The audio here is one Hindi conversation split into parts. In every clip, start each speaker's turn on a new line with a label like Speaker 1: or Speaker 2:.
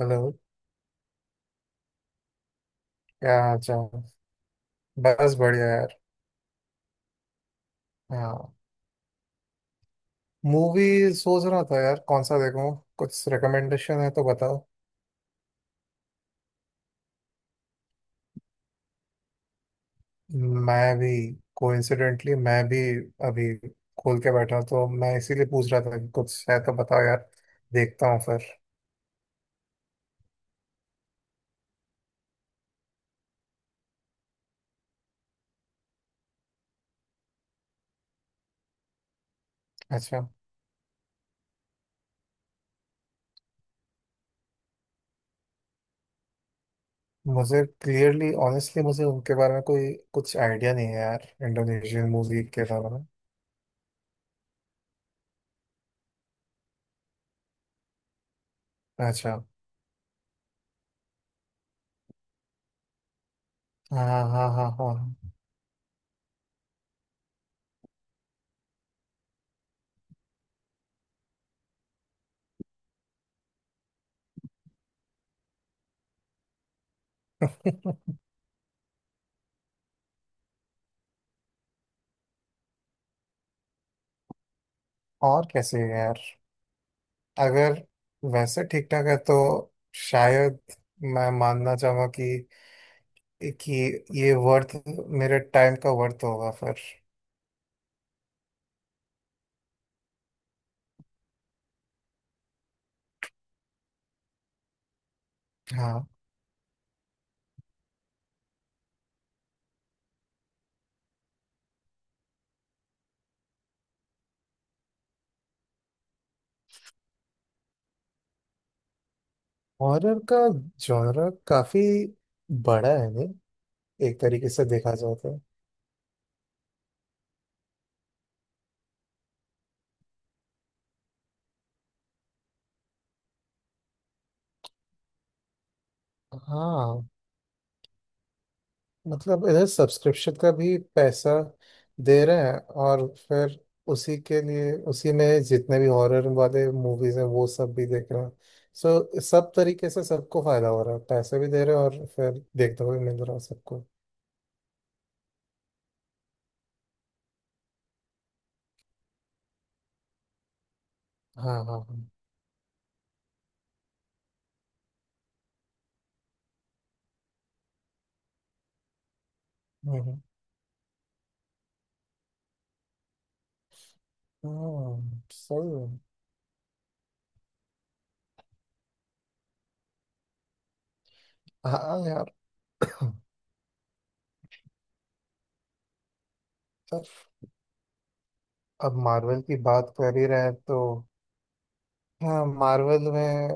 Speaker 1: हेलो। क्या हाल चाल? बस बढ़िया यार। हाँ। मूवी सोच रहा था यार, कौन सा देखूं। कुछ रिकमेंडेशन है तो बताओ। मैं भी। कोइंसिडेंटली मैं भी। अभी खोल के बैठा, तो मैं इसीलिए पूछ रहा था कि कुछ है तो बताओ यार। देखता हूँ फिर। अच्छा। मुझे क्लियरली, ऑनेस्टली मुझे उनके बारे में कोई कुछ आइडिया नहीं है यार, इंडोनेशियन मूवी के बारे में। अच्छा। हाँ, हाँ, हाँ, हाँ। और कैसे है यार? अगर वैसे ठीक ठाक है तो शायद मैं मानना चाहूंगा कि ये वर्थ मेरे टाइम का वर्थ होगा फिर। हाँ। हॉरर का जॉनर काफी बड़ा है नहीं, एक तरीके से देखा जाए तो। हाँ। मतलब इधर सब्सक्रिप्शन का भी पैसा दे रहे हैं, और फिर उसी के लिए, उसी में जितने भी हॉरर वाले मूवीज हैं वो सब भी देख रहे हैं। सो सब तरीके से सबको फायदा हो रहा है, पैसे भी दे रहे हैं और फिर देखते हुए मिल रहा है सबको। हाँ, हाँ, हाँ। हम्म, सही है। हाँ यार। पर अब मार्वल की बात कर ही रहे हैं तो। हाँ, मार्वल में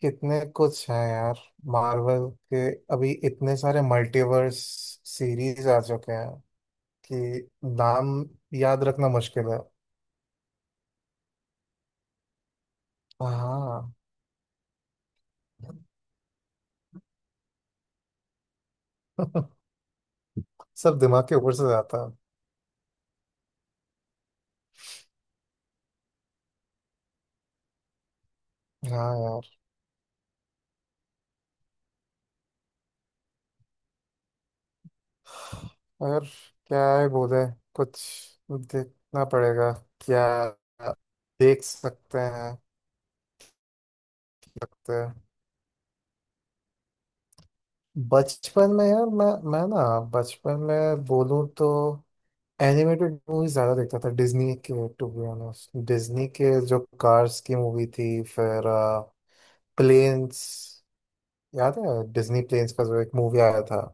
Speaker 1: कितने कुछ हैं यार, मार्वल के। अभी इतने सारे मल्टीवर्स सीरीज आ चुके हैं कि नाम याद रखना मुश्किल है। हाँ। सब दिमाग के ऊपर से जाता है। हाँ यार। और क्या है, बोले, कुछ देखना पड़ेगा, क्या देख सकते हैं। तो बचपन में यार, मैं ना, बचपन में बोलूँ तो एनिमेटेड मूवीज ज्यादा देखता था डिज्नी के। टू बी ऑनेस्ट, डिज्नी के जो कार्स की मूवी थी, फिर प्लेन्स। याद है? डिज्नी प्लेन्स का जो एक मूवी आया था।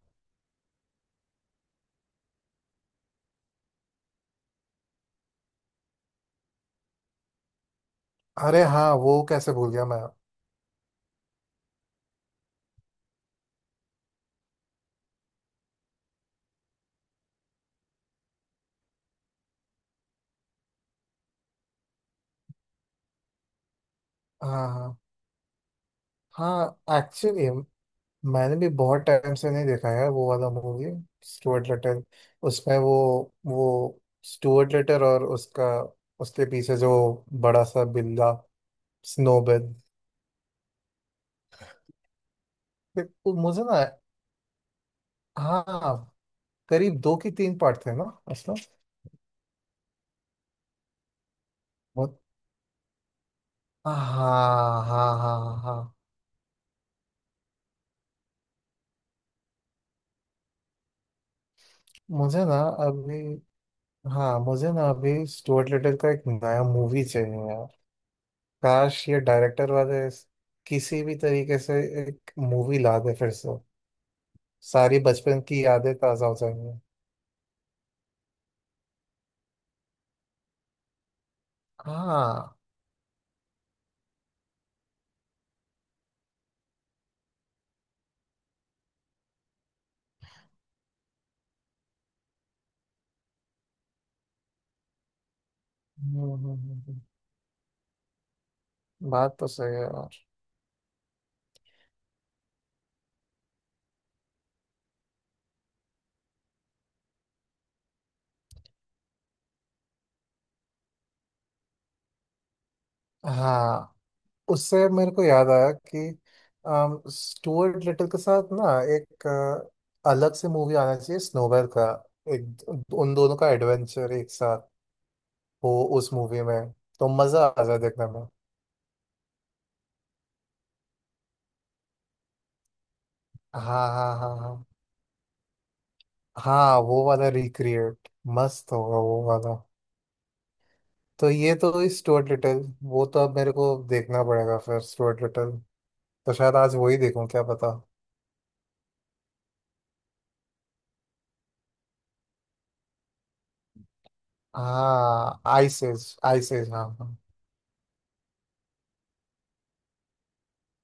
Speaker 1: अरे हाँ, वो कैसे भूल गया मैं। हाँ, हाँ, हाँ एक्चुअली मैंने भी बहुत टाइम से नहीं देखा है वो वाला मूवी, स्टुअर्ट लिटिल। उसमें वो स्टुअर्ट लिटिल और उसका, उसके पीछे जो बड़ा सा बिल्ला, स्नोबेड। मुझे ना। हाँ, करीब 2 की 3 पार्ट थे ना, असलम। बहुत। हाँ, हाँ, हाँ, हाँ। मुझे ना अभी। हाँ, मुझे ना अभी स्टुअर्ट लिटिल का एक नया मूवी चाहिए यार। काश ये डायरेक्टर वाले किसी भी तरीके से एक मूवी ला दे फिर से। सारी बचपन की यादें ताजा हो जाएंगी। हाँ। हम्म, हम्म, हम्म, हम्म। बात तो सही है यार। हाँ। उससे मेरे को याद आया कि स्टुअर्ट लिटिल के साथ ना एक अलग से मूवी आना चाहिए, स्नोबेल का। एक, उन दोनों का एडवेंचर एक साथ हो उस मूवी में, तो मजा आ जाए देखने में। हाँ, हाँ, हाँ, हाँ। हाँ, वो वाला रिक्रिएट मस्त होगा वो वाला। तो ये तो इस स्टुअर्ट लिटिल, वो तो अब मेरे को देखना पड़ेगा फिर स्टुअर्ट लिटिल। तो शायद आज वही देखूं, क्या पता। हाँ, आइसेज, आइसेज। हाँ,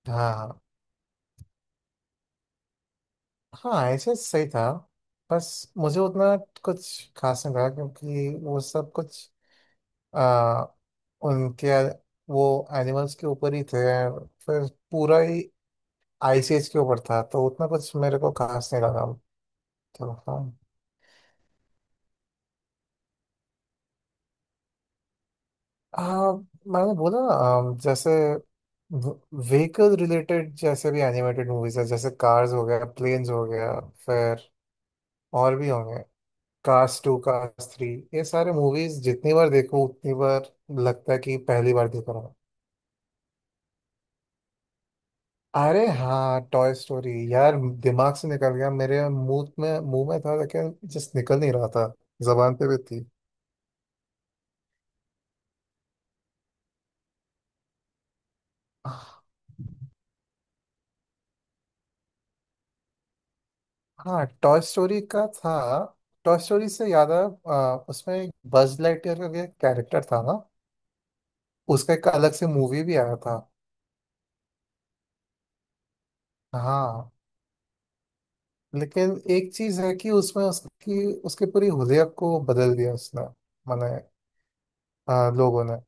Speaker 1: हाँ, हाँ हाँ ऐसे सही था। बस मुझे उतना कुछ खास नहीं लगा क्योंकि वो सब कुछ आ, उनके, वो, एनिमल्स के ऊपर ही थे, फिर पूरा ही आईसीएच के ऊपर था तो उतना कुछ मेरे को खास नहीं लगा। तो हाँ। आ, मैंने बोला ना, जैसे व्हीकल रिलेटेड जैसे भी एनिमेटेड मूवीज है, जैसे कार्स हो गया, प्लेन्स हो गया, फिर और भी होंगे। Cast 2, cast 3। ये सारे मूवीज जितनी बार देखो उतनी बार लगता है कि पहली बार देख रहा हूँ। अरे हाँ, टॉय स्टोरी यार, दिमाग से निकल गया। मेरे मुंह में था लेकिन जस्ट निकल नहीं रहा था। जबान पे भी थी। हाँ, टॉय स्टोरी का था, टॉय स्टोरी से याद आया। उसमें एक बज लाइटयर का कैरेक्टर था ना। उसका एक अलग से मूवी भी आया था। हाँ, लेकिन एक चीज है कि उसमें उसकी उसकी पूरी हुलिया को बदल दिया उसने, मैंने लोगों ने।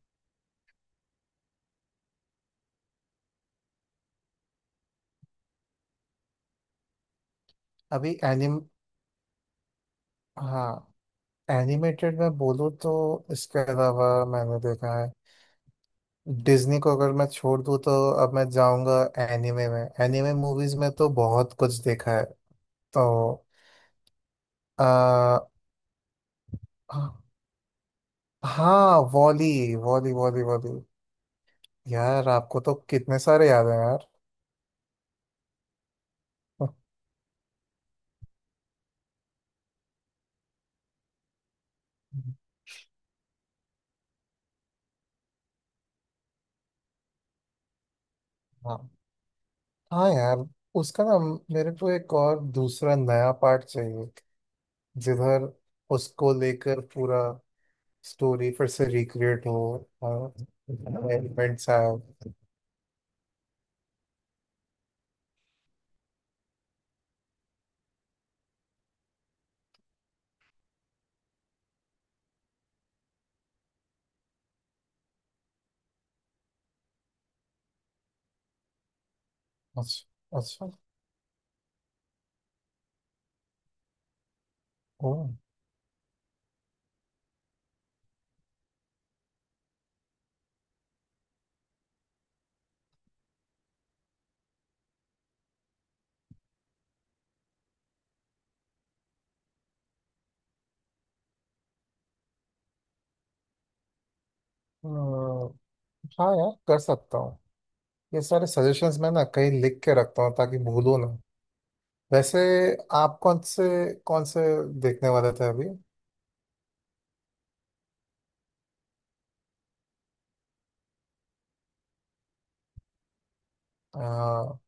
Speaker 1: अभी एनिम हाँ, एनिमेटेड में बोलूँ तो इसके अलावा मैंने देखा है। डिज्नी को अगर मैं छोड़ दूँ तो अब मैं जाऊँगा एनिमे में, एनिमे मूवीज में तो बहुत कुछ देखा है। तो आ, हाँ, वॉली वॉली यार, आपको तो कितने सारे याद हैं यार। हाँ, हाँ यार, उसका ना, मेरे को एक और दूसरा नया पार्ट चाहिए, जिधर उसको लेकर पूरा स्टोरी फिर से रिक्रिएट हो और एलिमेंट्स आए। अच्छा, अच्छा। ओ, अ, हाँ यार कर सकता हूँ। ये सारे सजेशंस मैं ना कहीं लिख के रखता हूँ ताकि भूलो ना। वैसे आप कौन से देखने वाले थे अभी? अ,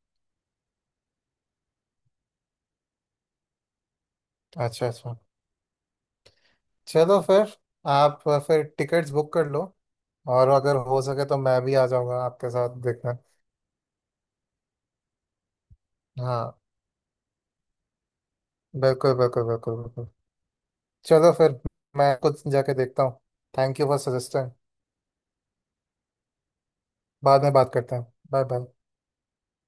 Speaker 1: अच्छा, अच्छा। चलो फिर, आप फिर टिकट्स बुक कर लो, और अगर हो सके तो मैं भी आ जाऊँगा आपके साथ देखने। हाँ, बिल्कुल, बिल्कुल, बिल्कुल, बिल्कुल। चलो फिर, मैं कुछ जाके देखता हूँ। Thank you for suggesting. बाद में बात करते हैं। Bye, bye.